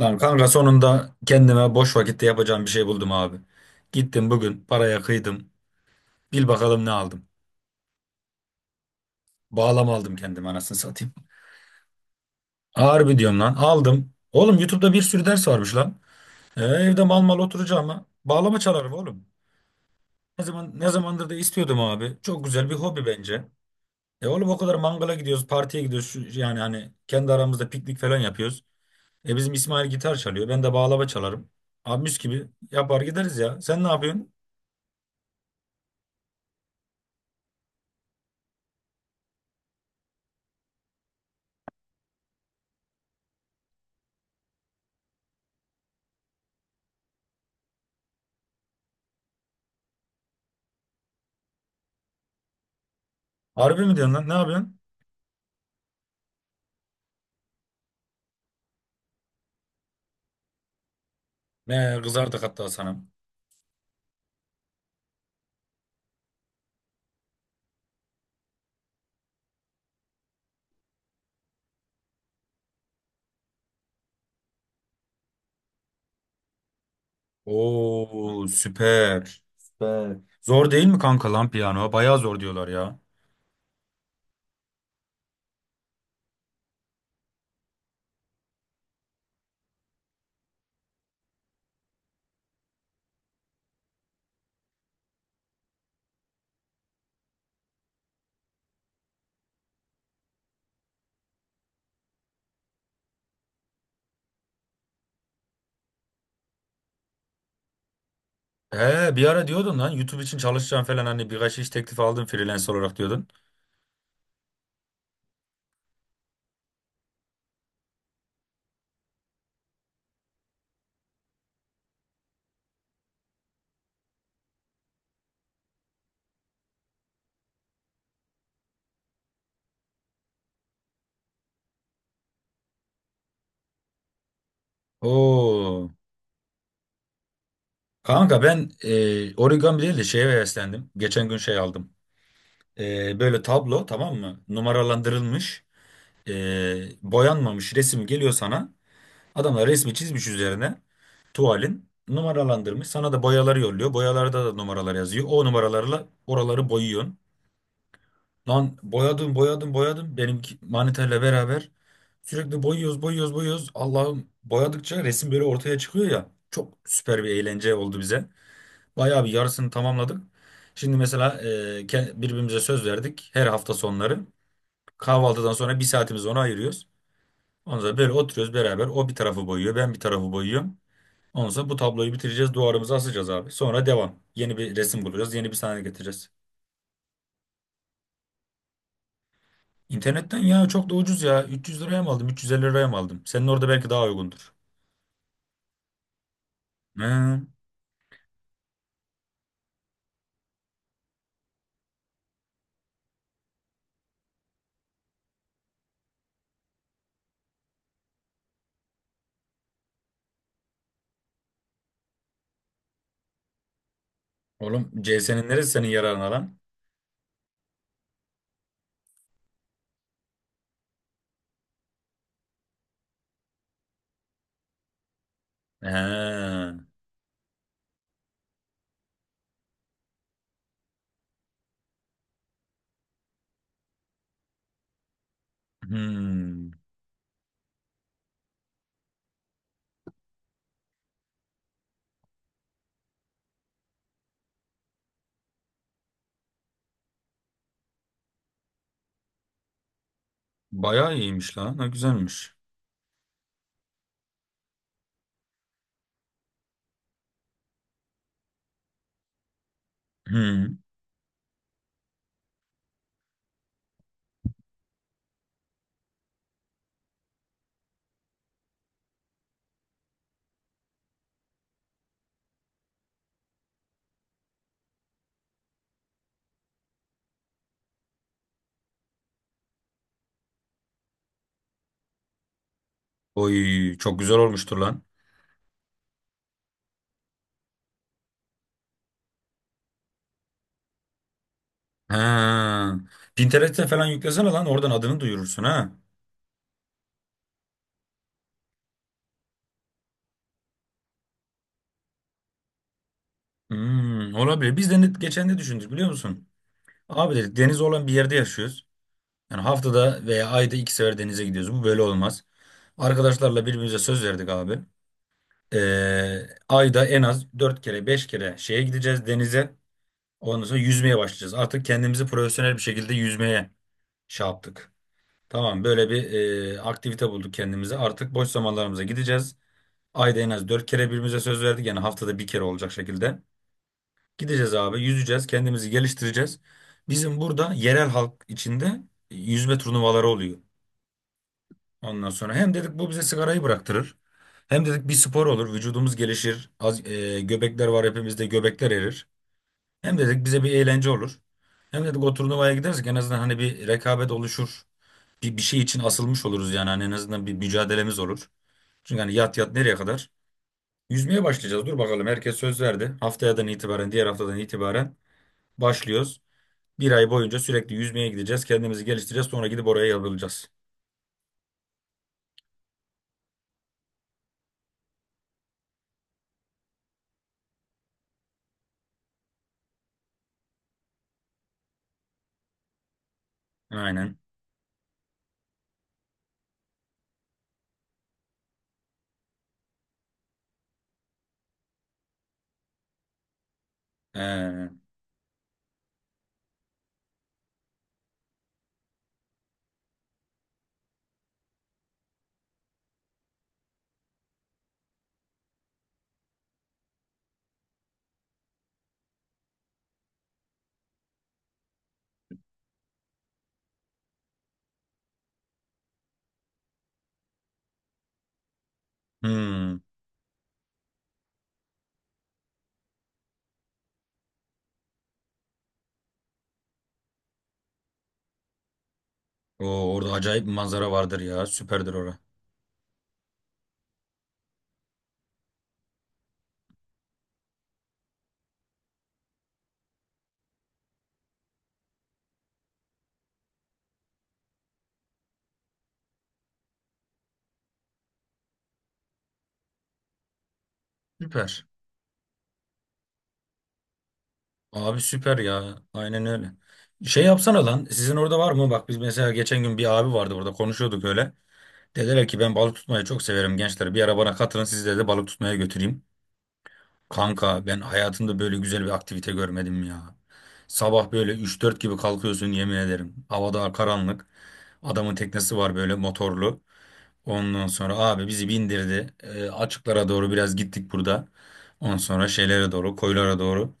Lan kanka sonunda kendime boş vakitte yapacağım bir şey buldum abi. Gittim bugün paraya kıydım. Bil bakalım ne aldım. Bağlama aldım kendime anasını satayım. Harbi diyorum lan aldım. Oğlum YouTube'da bir sürü ders varmış lan. Evde mal mal oturacağım oturacağıma bağlama çalarım oğlum. Ne zamandır da istiyordum abi. Çok güzel bir hobi bence. Oğlum o kadar mangala gidiyoruz, partiye gidiyoruz. Yani hani kendi aramızda piknik falan yapıyoruz. Bizim İsmail gitar çalıyor. Ben de bağlama çalarım. Abi mis gibi yapar gideriz ya. Sen ne yapıyorsun? Harbi mi diyorsun lan? Ne yapıyorsun? Ne kızardık hatta sana. Oo, süper. Süper. Zor değil mi kanka lan piyano? Bayağı zor diyorlar ya. Bir ara diyordun lan YouTube için çalışacağım falan hani birkaç iş teklifi aldım freelance olarak diyordun. Oo. Kanka ben origami değil de şeye heveslendim. Geçen gün şey aldım. Böyle tablo, tamam mı? Numaralandırılmış, boyanmamış resim geliyor sana. Adamlar resmi çizmiş üzerine, tuvalin numaralandırmış. Sana da boyaları yolluyor. Boyalarda da numaralar yazıyor. O numaralarla oraları boyuyorsun. Lan boyadım boyadım boyadım. Benimki maniterle beraber sürekli boyuyoruz boyuyoruz boyuyoruz. Allah'ım, boyadıkça resim böyle ortaya çıkıyor ya. Çok süper bir eğlence oldu bize. Bayağı bir yarısını tamamladık. Şimdi mesela birbirimize söz verdik. Her hafta sonları kahvaltıdan sonra bir saatimizi ona ayırıyoruz. Ondan sonra böyle oturuyoruz beraber. O bir tarafı boyuyor, ben bir tarafı boyuyorum. Ondan sonra bu tabloyu bitireceğiz, duvarımıza asacağız abi. Sonra devam. Yeni bir resim bulacağız, yeni bir sahne getireceğiz. İnternetten ya, çok da ucuz ya. 300 liraya mı aldım, 350 liraya mı aldım? Senin orada belki daha uygundur. He. Oğlum CS'nin neresi senin yararına lan? He. Hmm. Bayağı iyiymiş lan. Ha, güzelmiş. Hmm. Oy, çok güzel olmuştur lan. He. Pinterest'e falan yüklesene lan, oradan adını duyurursun ha. Hmm, olabilir. Biz de net geçen ne düşündük biliyor musun? Abi dedik, deniz olan bir yerde yaşıyoruz. Yani haftada veya ayda iki sefer denize gidiyoruz. Bu böyle olmaz. Arkadaşlarla birbirimize söz verdik abi. Ee, ayda en az dört kere beş kere şeye gideceğiz, denize. Ondan sonra yüzmeye başlayacağız. Artık kendimizi profesyonel bir şekilde yüzmeye şey yaptık. Tamam, böyle bir aktivite bulduk kendimize. Artık boş zamanlarımıza gideceğiz. Ayda en az dört kere birbirimize söz verdik. Yani haftada bir kere olacak şekilde. Gideceğiz abi, yüzeceğiz, kendimizi geliştireceğiz. Bizim burada yerel halk içinde yüzme turnuvaları oluyor. Ondan sonra hem dedik bu bize sigarayı bıraktırır. Hem dedik bir spor olur, vücudumuz gelişir. Az, göbekler var hepimizde, göbekler erir. Hem dedik bize bir eğlence olur. Hem dedik o turnuvaya gidersek en azından hani bir rekabet oluşur. Bir şey için asılmış oluruz, yani hani en azından bir mücadelemiz olur. Çünkü hani yat yat nereye kadar? Yüzmeye başlayacağız. Dur bakalım, herkes söz verdi. Diğer haftadan itibaren başlıyoruz. Bir ay boyunca sürekli yüzmeye gideceğiz. Kendimizi geliştireceğiz. Sonra gidip oraya yazılacağız. Aynen. Ee, hmm. Oo, orada acayip bir manzara vardır ya. Süperdir orası. Süper. Abi süper ya. Aynen öyle. Şey yapsana lan. Sizin orada var mı? Bak, biz mesela geçen gün bir abi vardı burada. Konuşuyorduk öyle. Dediler ki, ben balık tutmayı çok severim gençler. Bir ara bana katılın, sizi de balık tutmaya götüreyim. Kanka, ben hayatımda böyle güzel bir aktivite görmedim ya. Sabah böyle 3-4 gibi kalkıyorsun, yemin ederim. Havada karanlık. Adamın teknesi var, böyle motorlu. Ondan sonra abi bizi bindirdi. Açıklara doğru biraz gittik burada. Ondan sonra şeylere doğru, koylara doğru.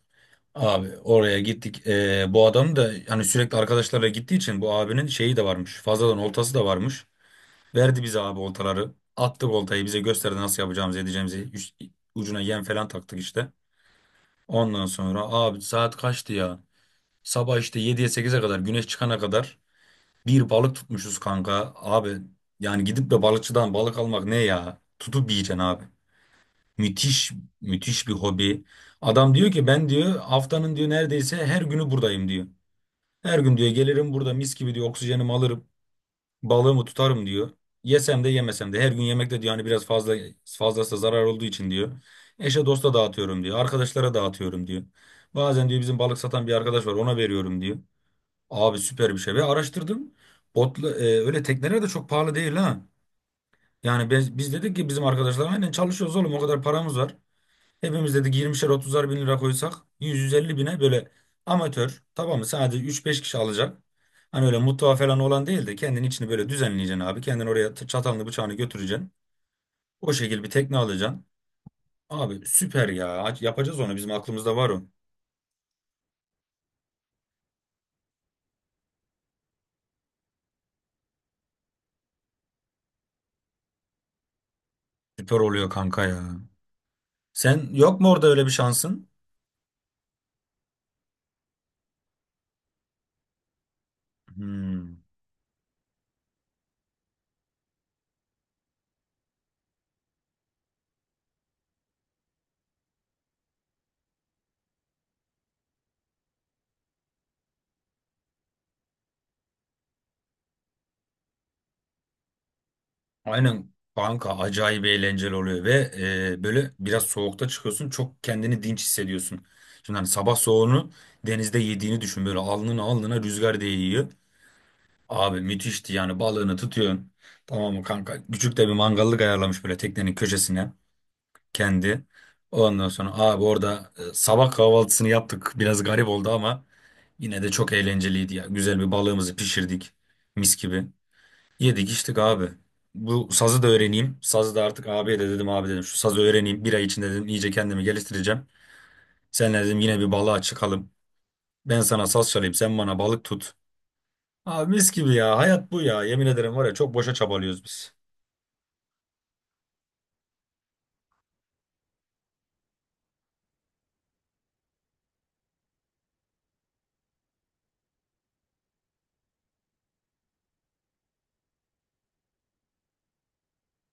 Abi oraya gittik. Bu adam da hani sürekli arkadaşlarla gittiği için bu abinin şeyi de varmış. Fazladan oltası da varmış. Verdi bize abi oltaları. Attık oltayı, bize gösterdi nasıl yapacağımızı edeceğimizi. Ucuna yem falan taktık işte. Ondan sonra abi saat kaçtı ya? Sabah işte 7'ye 8'e kadar, güneş çıkana kadar bir balık tutmuşuz kanka. Abi, yani gidip de balıkçıdan balık almak ne ya? Tutup yiyeceksin abi. Müthiş, müthiş bir hobi. Adam diyor ki, ben diyor haftanın diyor neredeyse her günü buradayım diyor. Her gün diyor gelirim burada, mis gibi diyor oksijenimi alırım, balığımı tutarım diyor. Yesem de yemesem de her gün yemek de diyor hani biraz fazla, fazlası zarar olduğu için diyor. Eşe dosta dağıtıyorum diyor. Arkadaşlara dağıtıyorum diyor. Bazen diyor bizim balık satan bir arkadaş var, ona veriyorum diyor. Abi süper bir şey, ve araştırdım. Botla, öyle tekneler de çok pahalı değil ha. Yani biz dedik ki, bizim arkadaşlar aynen çalışıyoruz oğlum, o kadar paramız var. Hepimiz dedik 20'şer 30'ar bin lira koysak, 100-150 bine böyle amatör, tamam mı, sadece 3-5 kişi alacak. Hani öyle mutfağı falan olan değil de, kendin içini böyle düzenleyeceksin abi. Kendin oraya çatalını bıçağını götüreceksin. O şekilde bir tekne alacaksın. Abi süper ya. Yapacağız onu, bizim aklımızda var o. Süper oluyor kanka ya. Sen yok mu orada öyle bir şansın? Hmm. Aynen banka, acayip eğlenceli oluyor ve böyle biraz soğukta çıkıyorsun, çok kendini dinç hissediyorsun. Şimdi hani sabah soğuğunu denizde yediğini düşün, böyle alnına alnına rüzgar değiyor. Abi müthişti, yani balığını tutuyorsun. Tamam mı kanka? Küçük de bir mangallık ayarlamış böyle teknenin köşesine kendi. Ondan sonra abi orada sabah kahvaltısını yaptık. Biraz garip oldu ama yine de çok eğlenceliydi ya. Güzel bir balığımızı pişirdik, mis gibi. Yedik içtik abi. Bu sazı da öğreneyim. Sazı da artık, abiye de dedim, abi dedim şu sazı öğreneyim. Bir ay içinde dedim iyice kendimi geliştireceğim. Seninle dedim yine bir balığa çıkalım. Ben sana saz çalayım, sen bana balık tut. Abi mis gibi ya, hayat bu ya. Yemin ederim var ya, çok boşa çabalıyoruz biz.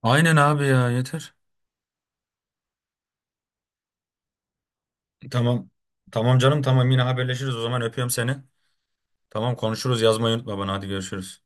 Aynen abi ya, yeter. Tamam. Tamam canım, tamam, yine haberleşiriz o zaman, öpüyorum seni. Tamam, konuşuruz, yazmayı unutma bana, hadi görüşürüz.